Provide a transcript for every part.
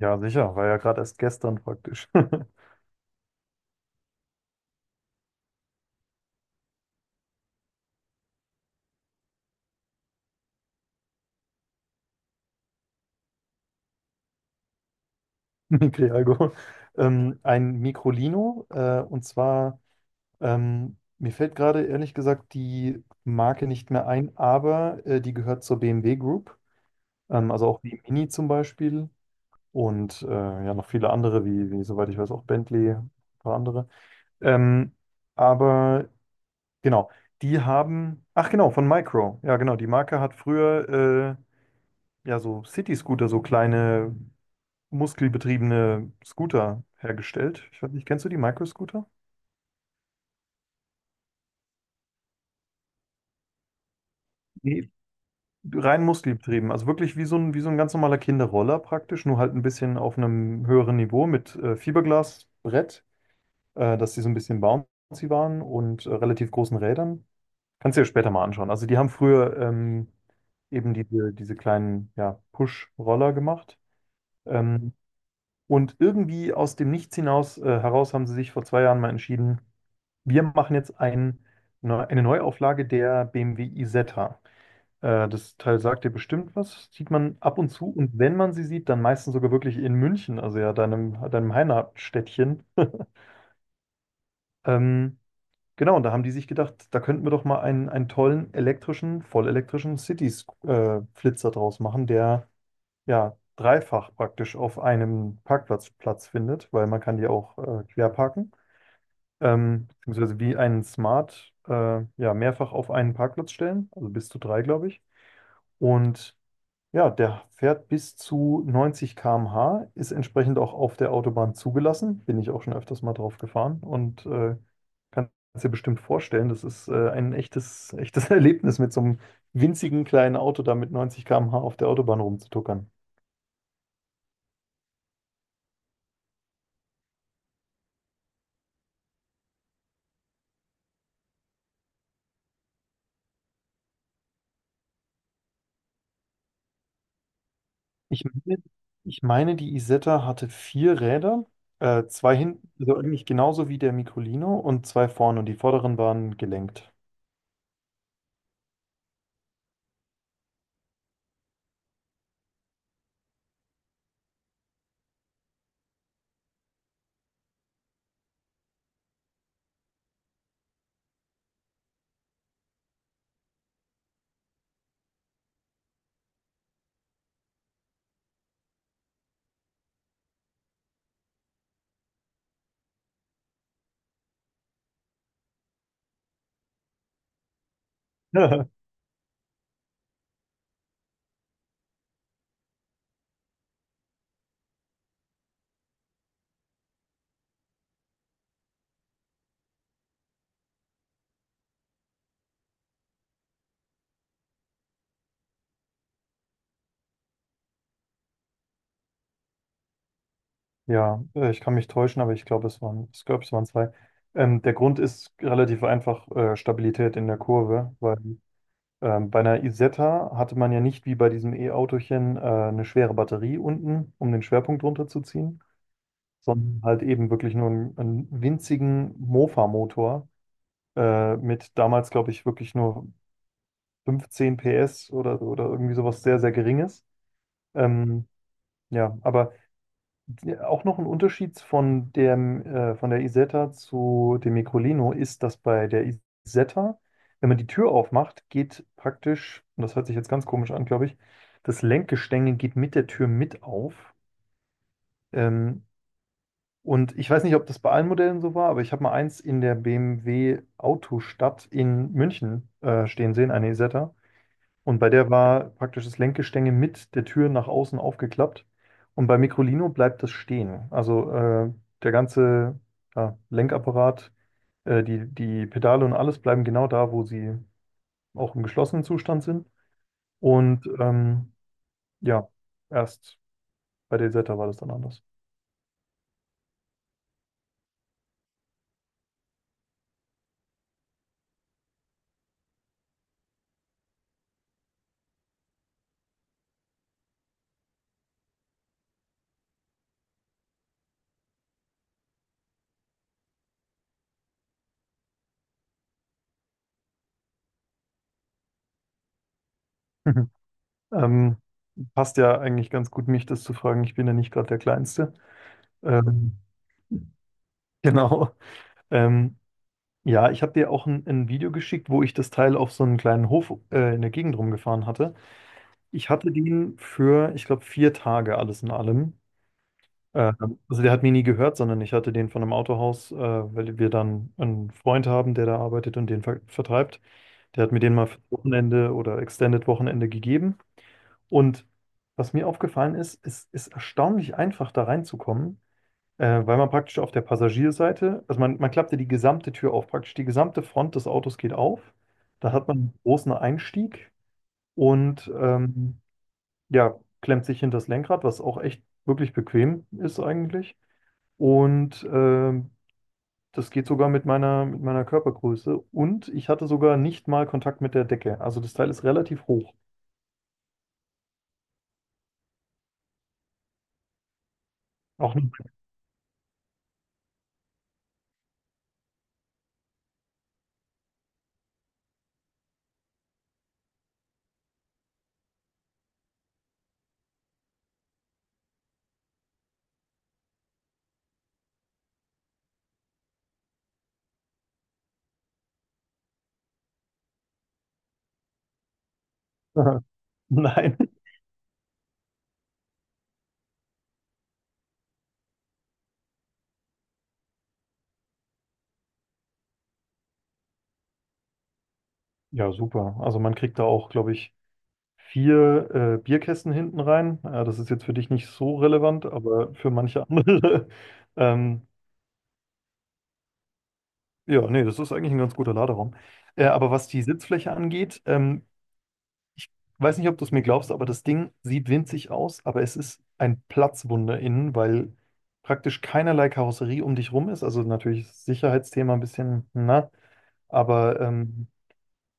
Ja, sicher, war ja gerade erst gestern praktisch. Mikri-Alkohol. Ein Microlino, mir fällt gerade ehrlich gesagt die Marke nicht mehr ein, aber die gehört zur BMW Group, also auch wie Mini zum Beispiel und ja, noch viele andere, wie soweit ich weiß, auch Bentley, ein paar andere. Ähm, aber genau, die haben, ach genau, von Micro, ja genau, die Marke hat früher ja so City-Scooter, so kleine muskelbetriebene Scooter hergestellt. Ich weiß nicht, kennst du die Microscooter? Nee. Rein muskelbetrieben, also wirklich wie so ein ganz normaler Kinderroller praktisch, nur halt ein bisschen auf einem höheren Niveau mit Fiberglasbrett, dass die so ein bisschen bouncy waren und relativ großen Rädern. Kannst du dir später mal anschauen. Also die haben früher eben diese kleinen ja, Push-Roller gemacht. Ähm, und irgendwie aus dem Nichts hinaus, heraus haben sie sich vor 2 Jahren mal entschieden, Wir machen jetzt ein, ne, eine Neuauflage der BMW Isetta. Das Teil sagt dir bestimmt was, sieht man ab und zu und wenn man sie sieht, dann meistens sogar wirklich in München, also ja deinem Heimatstädtchen. Ähm, genau, und da haben die sich gedacht, da könnten wir doch mal einen tollen elektrischen, vollelektrischen Cities-Flitzer draus machen, der ja dreifach praktisch auf einem Parkplatz Platz findet, weil man kann die auch quer parken. Beziehungsweise wie einen Smart ja, mehrfach auf einen Parkplatz stellen, also bis zu drei, glaube ich. Und ja, der fährt bis zu 90 km/h, ist entsprechend auch auf der Autobahn zugelassen. Bin ich auch schon öfters mal drauf gefahren und kannst dir bestimmt vorstellen, das ist ein echtes Erlebnis, mit so einem winzigen kleinen Auto da mit 90 km/h auf der Autobahn rumzutuckern. Ich meine, ich meine, die Isetta hatte 4 Räder, zwei hinten, also eigentlich genauso wie der Microlino und zwei vorne und die vorderen waren gelenkt. Ja, ich kann mich täuschen, aber ich glaube, es waren zwei. Der Grund ist relativ einfach, Stabilität in der Kurve, weil bei einer Isetta hatte man ja nicht wie bei diesem E-Autochen eine schwere Batterie unten, um den Schwerpunkt runterzuziehen, sondern halt eben wirklich nur einen winzigen Mofa-Motor mit damals, glaube ich, wirklich nur 15 PS oder irgendwie sowas sehr, sehr Geringes. Ähm, ja, aber auch noch ein Unterschied von von der Isetta zu dem Microlino ist, dass bei der Isetta, wenn man die Tür aufmacht, geht praktisch, und das hört sich jetzt ganz komisch an, glaube ich, das Lenkgestänge geht mit der Tür mit auf. Ähm, und ich weiß nicht, ob das bei allen Modellen so war, aber ich habe mal eins in der BMW Autostadt in München stehen sehen, eine Isetta. Und bei der war praktisch das Lenkgestänge mit der Tür nach außen aufgeklappt. Und bei Microlino bleibt das stehen. Also der ganze ja, Lenkapparat, die Pedale und alles bleiben genau da, wo sie auch im geschlossenen Zustand sind. Und ähm, ja, erst bei der Isetta war das dann anders. Ähm, passt ja eigentlich ganz gut, mich das zu fragen. Ich bin ja nicht gerade der Kleinste. Ähm, genau. Ähm, Ja, ich habe dir auch ein Video geschickt, wo ich das Teil auf so einen kleinen Hof in der Gegend rumgefahren hatte. Ich hatte den für, ich glaube, 4 Tage alles in allem. Äh, also der hat mir nie gehört, sondern ich hatte den von einem Autohaus, weil wir dann einen Freund haben, der da arbeitet und den vertreibt. Der hat mir den mal für Wochenende oder Extended Wochenende gegeben. Und was mir aufgefallen ist, es ist erstaunlich einfach da reinzukommen. Weil man praktisch auf der Passagierseite, also man klappte die gesamte Tür auf, praktisch die gesamte Front des Autos geht auf. Da hat man einen großen Einstieg und ja, klemmt sich hinter das Lenkrad, was auch echt wirklich bequem ist eigentlich. Und ähm, Das geht sogar mit meiner Körpergröße. Und ich hatte sogar nicht mal Kontakt mit der Decke. Also das Teil ist relativ hoch. Auch nicht. Nein. Ja, super. Also man kriegt da auch, glaube ich, vier Bierkästen hinten rein. Ja, das ist jetzt für dich nicht so relevant, aber für manche andere. Ähm, ja, Nee, das ist eigentlich ein ganz guter Laderaum. Aber was die Sitzfläche angeht, ich weiß nicht, ob du es mir glaubst, aber das Ding sieht winzig aus, aber es ist ein Platzwunder innen, weil praktisch keinerlei Karosserie um dich rum ist. Also natürlich ist das Sicherheitsthema ein bisschen, na, aber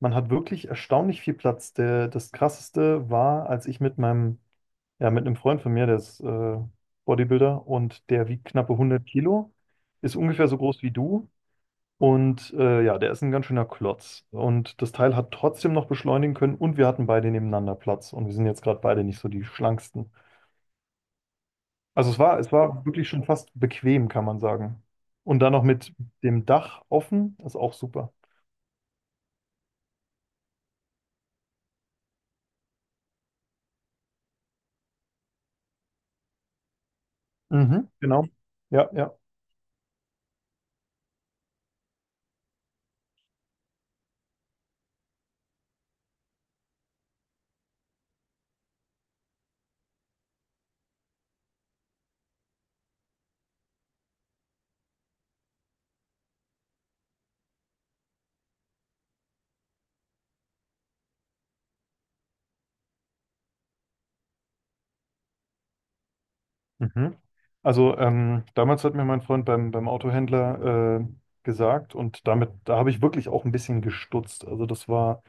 man hat wirklich erstaunlich viel Platz. Das Krasseste war, als ich mit meinem ja, mit einem Freund von mir, der ist Bodybuilder und der wiegt knappe 100 Kilo, ist ungefähr so groß wie du und ja, der ist ein ganz schöner Klotz. Und das Teil hat trotzdem noch beschleunigen können und wir hatten beide nebeneinander Platz und wir sind jetzt gerade beide nicht so die schlanksten. Also es war wirklich schon fast bequem, kann man sagen. Und dann noch mit dem Dach offen, ist auch super. Mhm, genau. Ja, ja. Mhm. Also damals hat mir mein Freund beim, beim Autohändler gesagt und damit, da habe ich wirklich auch ein bisschen gestutzt. Also das war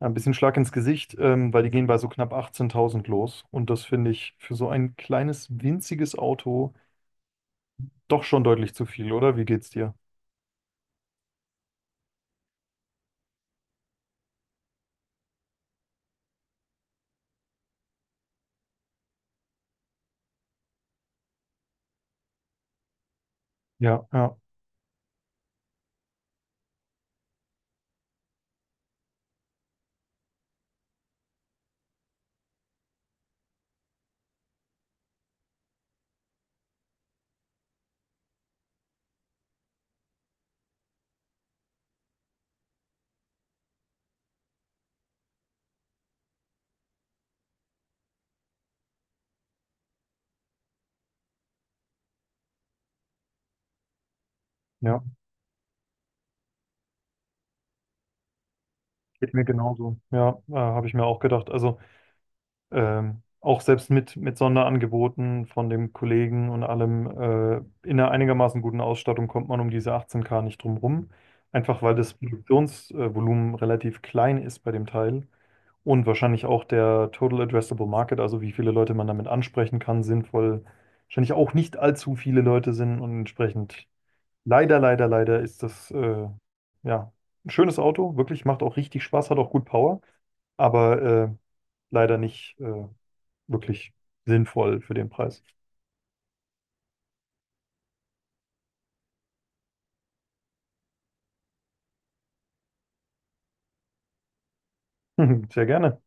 ein bisschen Schlag ins Gesicht, weil die gehen bei so knapp 18.000 los und das finde ich für so ein kleines, winziges Auto doch schon deutlich zu viel, oder? Wie geht's dir? Ja, ja, ja, geht mir genauso. Ja, habe ich mir auch gedacht. Also auch selbst mit Sonderangeboten von dem Kollegen und allem, in einer einigermaßen guten Ausstattung kommt man um diese 18K nicht drum rum. Einfach weil das Produktionsvolumen relativ klein ist bei dem Teil und wahrscheinlich auch der Total Addressable Market, also wie viele Leute man damit ansprechen kann, sinnvoll, wahrscheinlich auch nicht allzu viele Leute sind und entsprechend leider ist das ja ein schönes Auto, wirklich, macht auch richtig Spaß, hat auch gut Power, aber leider nicht wirklich sinnvoll für den Preis. Sehr gerne.